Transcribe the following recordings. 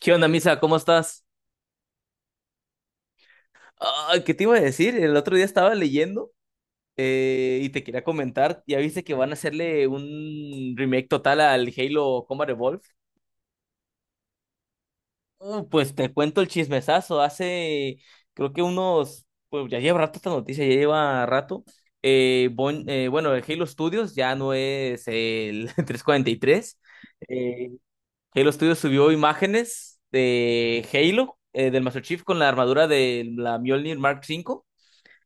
¿Qué onda, Misa? ¿Cómo estás? Ay, ¿qué te iba a decir? El otro día estaba leyendo y te quería comentar. Ya viste que van a hacerle un remake total al Halo Combat Evolved. Pues te cuento el chismesazo. Creo que unos, pues ya lleva rato esta noticia, ya lleva rato. Bueno, el Halo Studios ya no es el 343. Eh, Halo Studios subió imágenes de Halo, del Master Chief con la armadura de la Mjolnir Mark V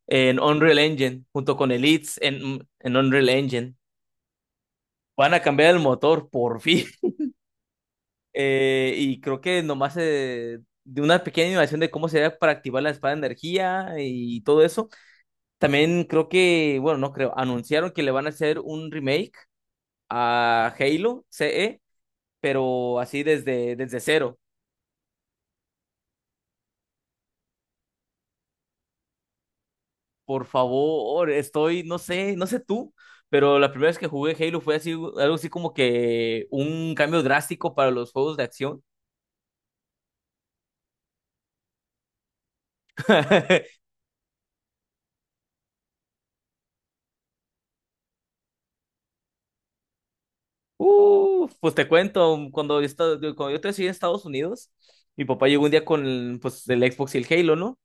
en Unreal Engine, junto con Elites en Unreal Engine. Van a cambiar el motor, por fin. Y creo que nomás de una pequeña innovación de cómo sería para activar la espada de energía y todo eso. También creo que, bueno, no creo, anunciaron que le van a hacer un remake a Halo CE, pero así desde cero. Por favor, estoy, no sé, no sé tú, pero la primera vez que jugué Halo fue así, algo así como que un cambio drástico para los juegos de acción. Pues te cuento, cuando yo estoy en Estados Unidos, mi papá llegó un día con el, pues, el Xbox y el Halo, ¿no?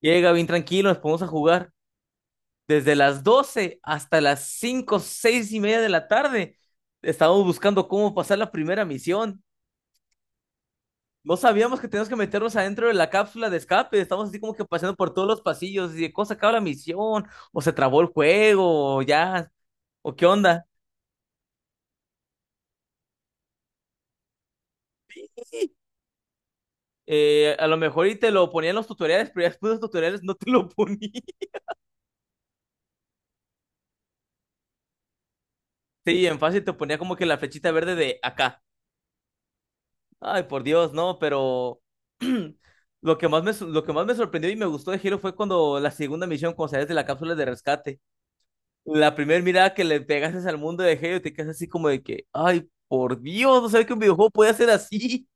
Llega bien tranquilo, nos ponemos a jugar. Desde las 12 hasta las 5 6 y media de la tarde, estábamos buscando cómo pasar la primera misión. No sabíamos que teníamos que meternos adentro de la cápsula de escape. Estábamos así como que paseando por todos los pasillos. Y de cómo se acaba la misión, o se trabó el juego, o ya, o qué onda. A lo mejor y te lo ponía en los tutoriales, pero ya después de los tutoriales no te lo ponía. Sí, en fácil te ponía como que la flechita verde de acá. Ay, por Dios, no, pero lo que más me sorprendió y me gustó de Hero fue cuando la segunda misión, cuando sales de la cápsula de rescate, la primera mirada que le pegaste al mundo de Hero, te quedas así como de que, ay, por Dios, no sabía que un videojuego puede hacer así.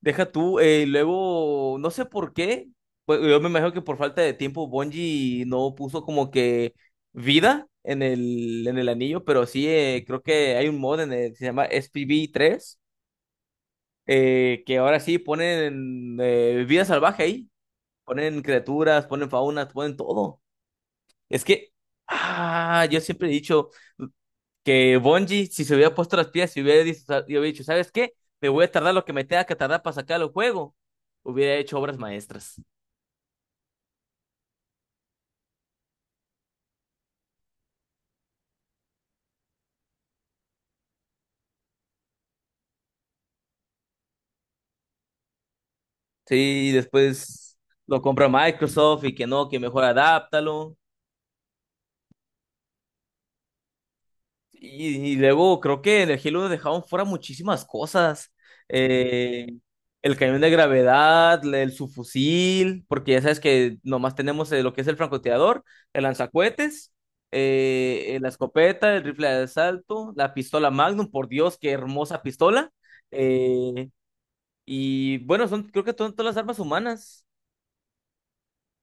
Deja tú, luego, no sé por qué, pues, yo me imagino que por falta de tiempo Bungie no puso como que vida en el anillo, pero sí, creo que hay un mod en el, se llama SPV3 , que ahora sí ponen vida salvaje ahí, ponen criaturas, ponen faunas, ponen todo. Es que, ah, yo siempre he dicho que Bungie, si se hubiera puesto las piezas y hubiera dicho, ¿sabes qué? Me voy a tardar lo que me tenga que tardar para sacar el juego. Hubiera hecho obras maestras. Sí, y después lo compra Microsoft y que no, que mejor adáptalo. Y luego creo que en el Halo dejaron fuera muchísimas cosas. Eh, el cañón de gravedad, el subfusil, porque ya sabes que nomás tenemos lo que es el francotirador, el lanzacohetes, la escopeta, el rifle de asalto, la pistola Magnum, por Dios, qué hermosa pistola. Eh, y bueno, son creo que son todas las armas humanas.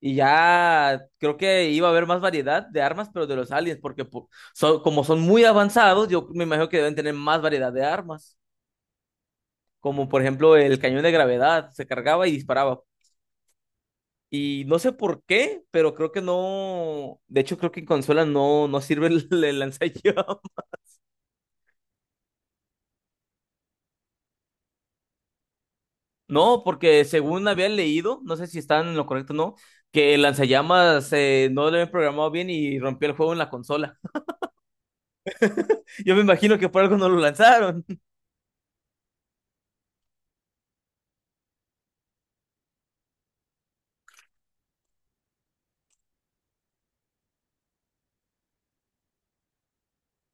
Y ya creo que iba a haber más variedad de armas, pero de los aliens, porque como son muy avanzados, yo me imagino que deben tener más variedad de armas, como por ejemplo el cañón de gravedad, se cargaba y disparaba. Y no sé por qué, pero creo que no, de hecho creo que en consola no, no sirve el, el lanzallamas. No, porque según había leído, no sé si están en lo correcto o no, que el lanzallamas no lo habían programado bien y rompió el juego en la consola. Yo me imagino que por algo no lo lanzaron.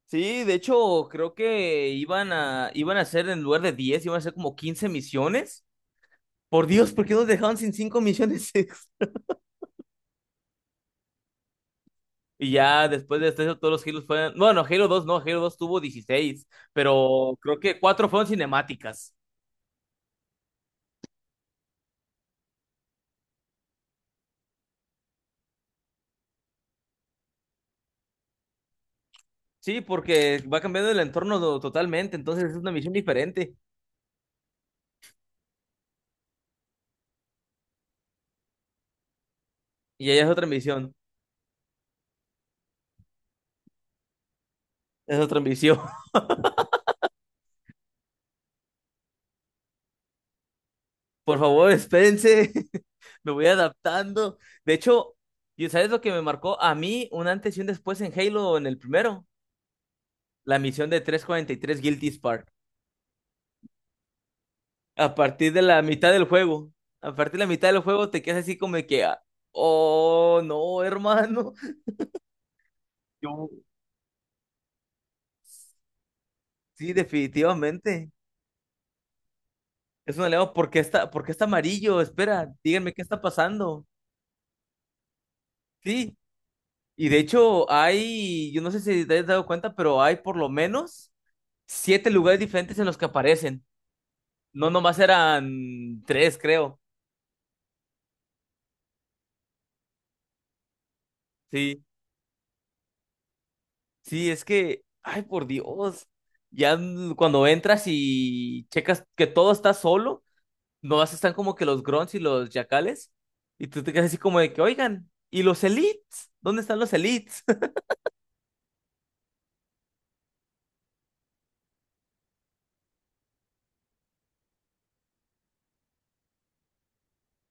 Sí, de hecho, creo que iban a hacer en lugar de 10 iban a hacer como 15 misiones. Por Dios, ¿por qué nos dejaban sin 5 misiones extra? Y ya después de esto, todos los Halo fueron. Bueno, Halo 2 no, Halo 2 tuvo 16, pero creo que 4 fueron cinemáticas. Sí, porque va cambiando el entorno totalmente, entonces es una misión diferente. Y allá es otra misión, es otra misión. Por favor, espérense, me voy adaptando. De hecho, ¿y sabes lo que me marcó a mí un antes y un después en Halo en el primero? La misión de 343 Guilty Spark. A partir de la mitad del juego, a partir de la mitad del juego te quedas así como de que, ah, oh, no, hermano. Yo, sí, definitivamente. Es un aliado, por qué está amarillo? Espera, díganme qué está pasando. Sí, y de hecho hay, yo no sé si te has dado cuenta, pero hay por lo menos 7 lugares diferentes en los que aparecen. No, nomás eran tres, creo. Sí. Sí, es que, ay, por Dios, ya cuando entras y checas que todo está solo, nomás están como que los grunts y los yacales, y tú te quedas así como de que, oigan, ¿y los elites? ¿Dónde están los elites?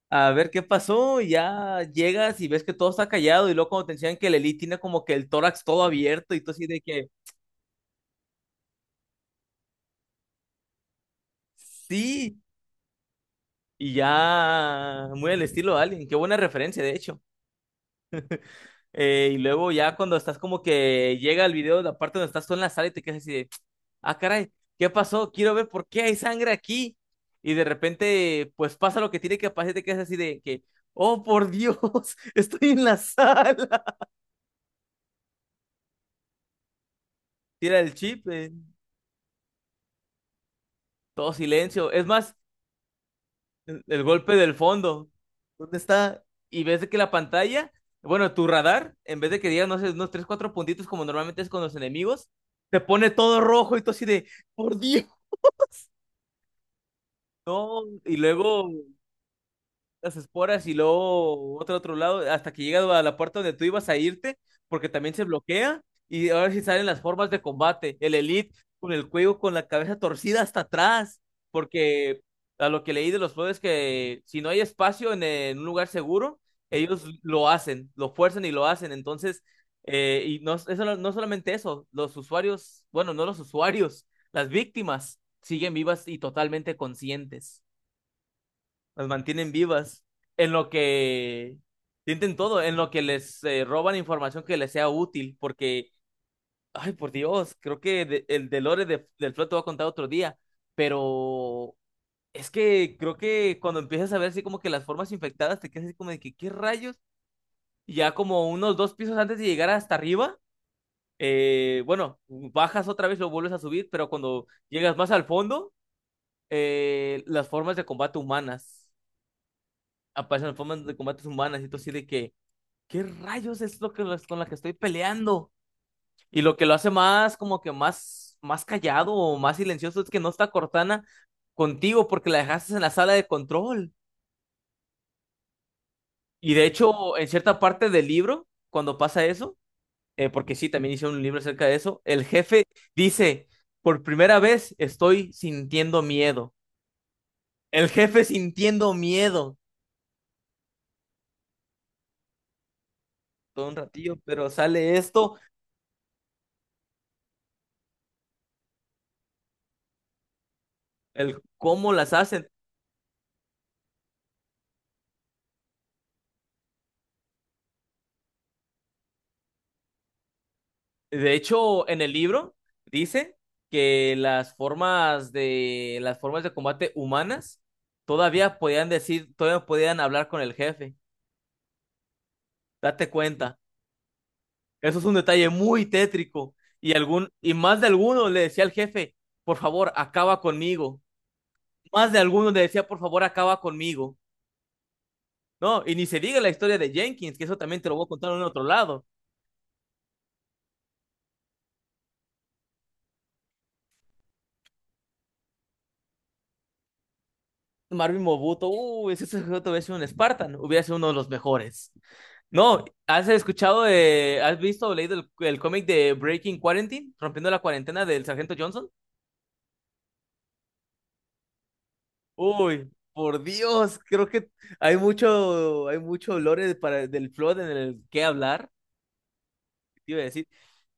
A ver qué pasó, y ya llegas y ves que todo está callado, y luego cuando te enseñan que el elite tiene como que el tórax todo abierto, y tú así de que, sí, y ya, muy al estilo de alguien, qué buena referencia, de hecho. Y luego ya cuando estás como que llega el video, la parte donde estás tú en la sala y te quedas así de, ah, caray, ¿qué pasó? Quiero ver por qué hay sangre aquí. Y de repente, pues pasa lo que tiene que pasar y te quedas así de que, oh, por Dios, estoy en la sala. Tira el chip, todo silencio. Es más, el golpe del fondo. ¿Dónde está? Y ves de que la pantalla, bueno, tu radar, en vez de que diga, no sé, unos tres, cuatro puntitos como normalmente es con los enemigos, te pone todo rojo y tú así de, por Dios. No, y luego las esporas y luego otro lado, hasta que llegas a la puerta donde tú ibas a irte, porque también se bloquea, y ahora sí salen las formas de combate, el Elite con el cuello, con la cabeza torcida hasta atrás, porque a lo que leí de los juegos es que si no hay espacio en un lugar seguro, ellos lo hacen, lo fuerzan y lo hacen, entonces, y no, eso, no solamente eso, los usuarios, bueno, no los usuarios, las víctimas siguen vivas y totalmente conscientes. Las mantienen vivas. En lo que sienten todo, en lo que les roban información que les sea útil, porque, ay, por Dios, creo que el de Lore del Flood te voy a contar otro día, pero es que creo que cuando empiezas a ver así como que las formas infectadas, te quedas así como de que, ¿qué rayos? Y ya como unos dos pisos antes de llegar hasta arriba, bueno, bajas otra vez, lo vuelves a subir, pero cuando llegas más al fondo, las formas de combate humanas, aparecen las formas de combates humanas, y tú así de que... ¿qué rayos es lo que con la que estoy peleando? Y lo que lo hace más, como que más, más callado o más silencioso es que no está Cortana contigo porque la dejaste en la sala de control. Y de hecho, en cierta parte del libro, cuando pasa eso, porque sí, también hice un libro acerca de eso, el jefe dice, por primera vez estoy sintiendo miedo. El jefe sintiendo miedo todo un ratillo, pero sale esto, el cómo las hacen. De hecho, en el libro dice que las formas de combate humanas todavía podían decir, todavía podían hablar con el jefe. Date cuenta. Eso es un detalle muy tétrico. Y más de alguno le decía al jefe, por favor, acaba conmigo. Más de alguno le decía, por favor, acaba conmigo. No, y ni se diga la historia de Jenkins, que eso también te lo voy a contar en otro lado. Marvin Mobuto, uy, si ese sujeto hubiera sido un Spartan, hubiera sido uno de los mejores. No, ¿has escuchado de, has visto o leído el cómic de Breaking Quarantine, rompiendo la cuarentena del Sargento Johnson? Uy, por Dios, creo que hay mucho lore para, del Flood en el que hablar, te iba a decir.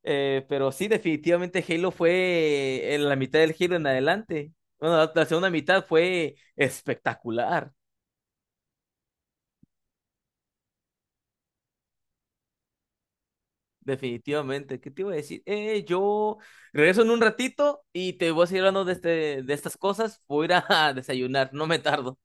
Pero sí, definitivamente Halo fue en la mitad del Halo en adelante. Bueno, la segunda mitad fue espectacular. Definitivamente, ¿qué te iba a decir? Yo regreso en un ratito y te voy a seguir hablando de, este, de estas cosas. Voy a ir a desayunar, no me tardo.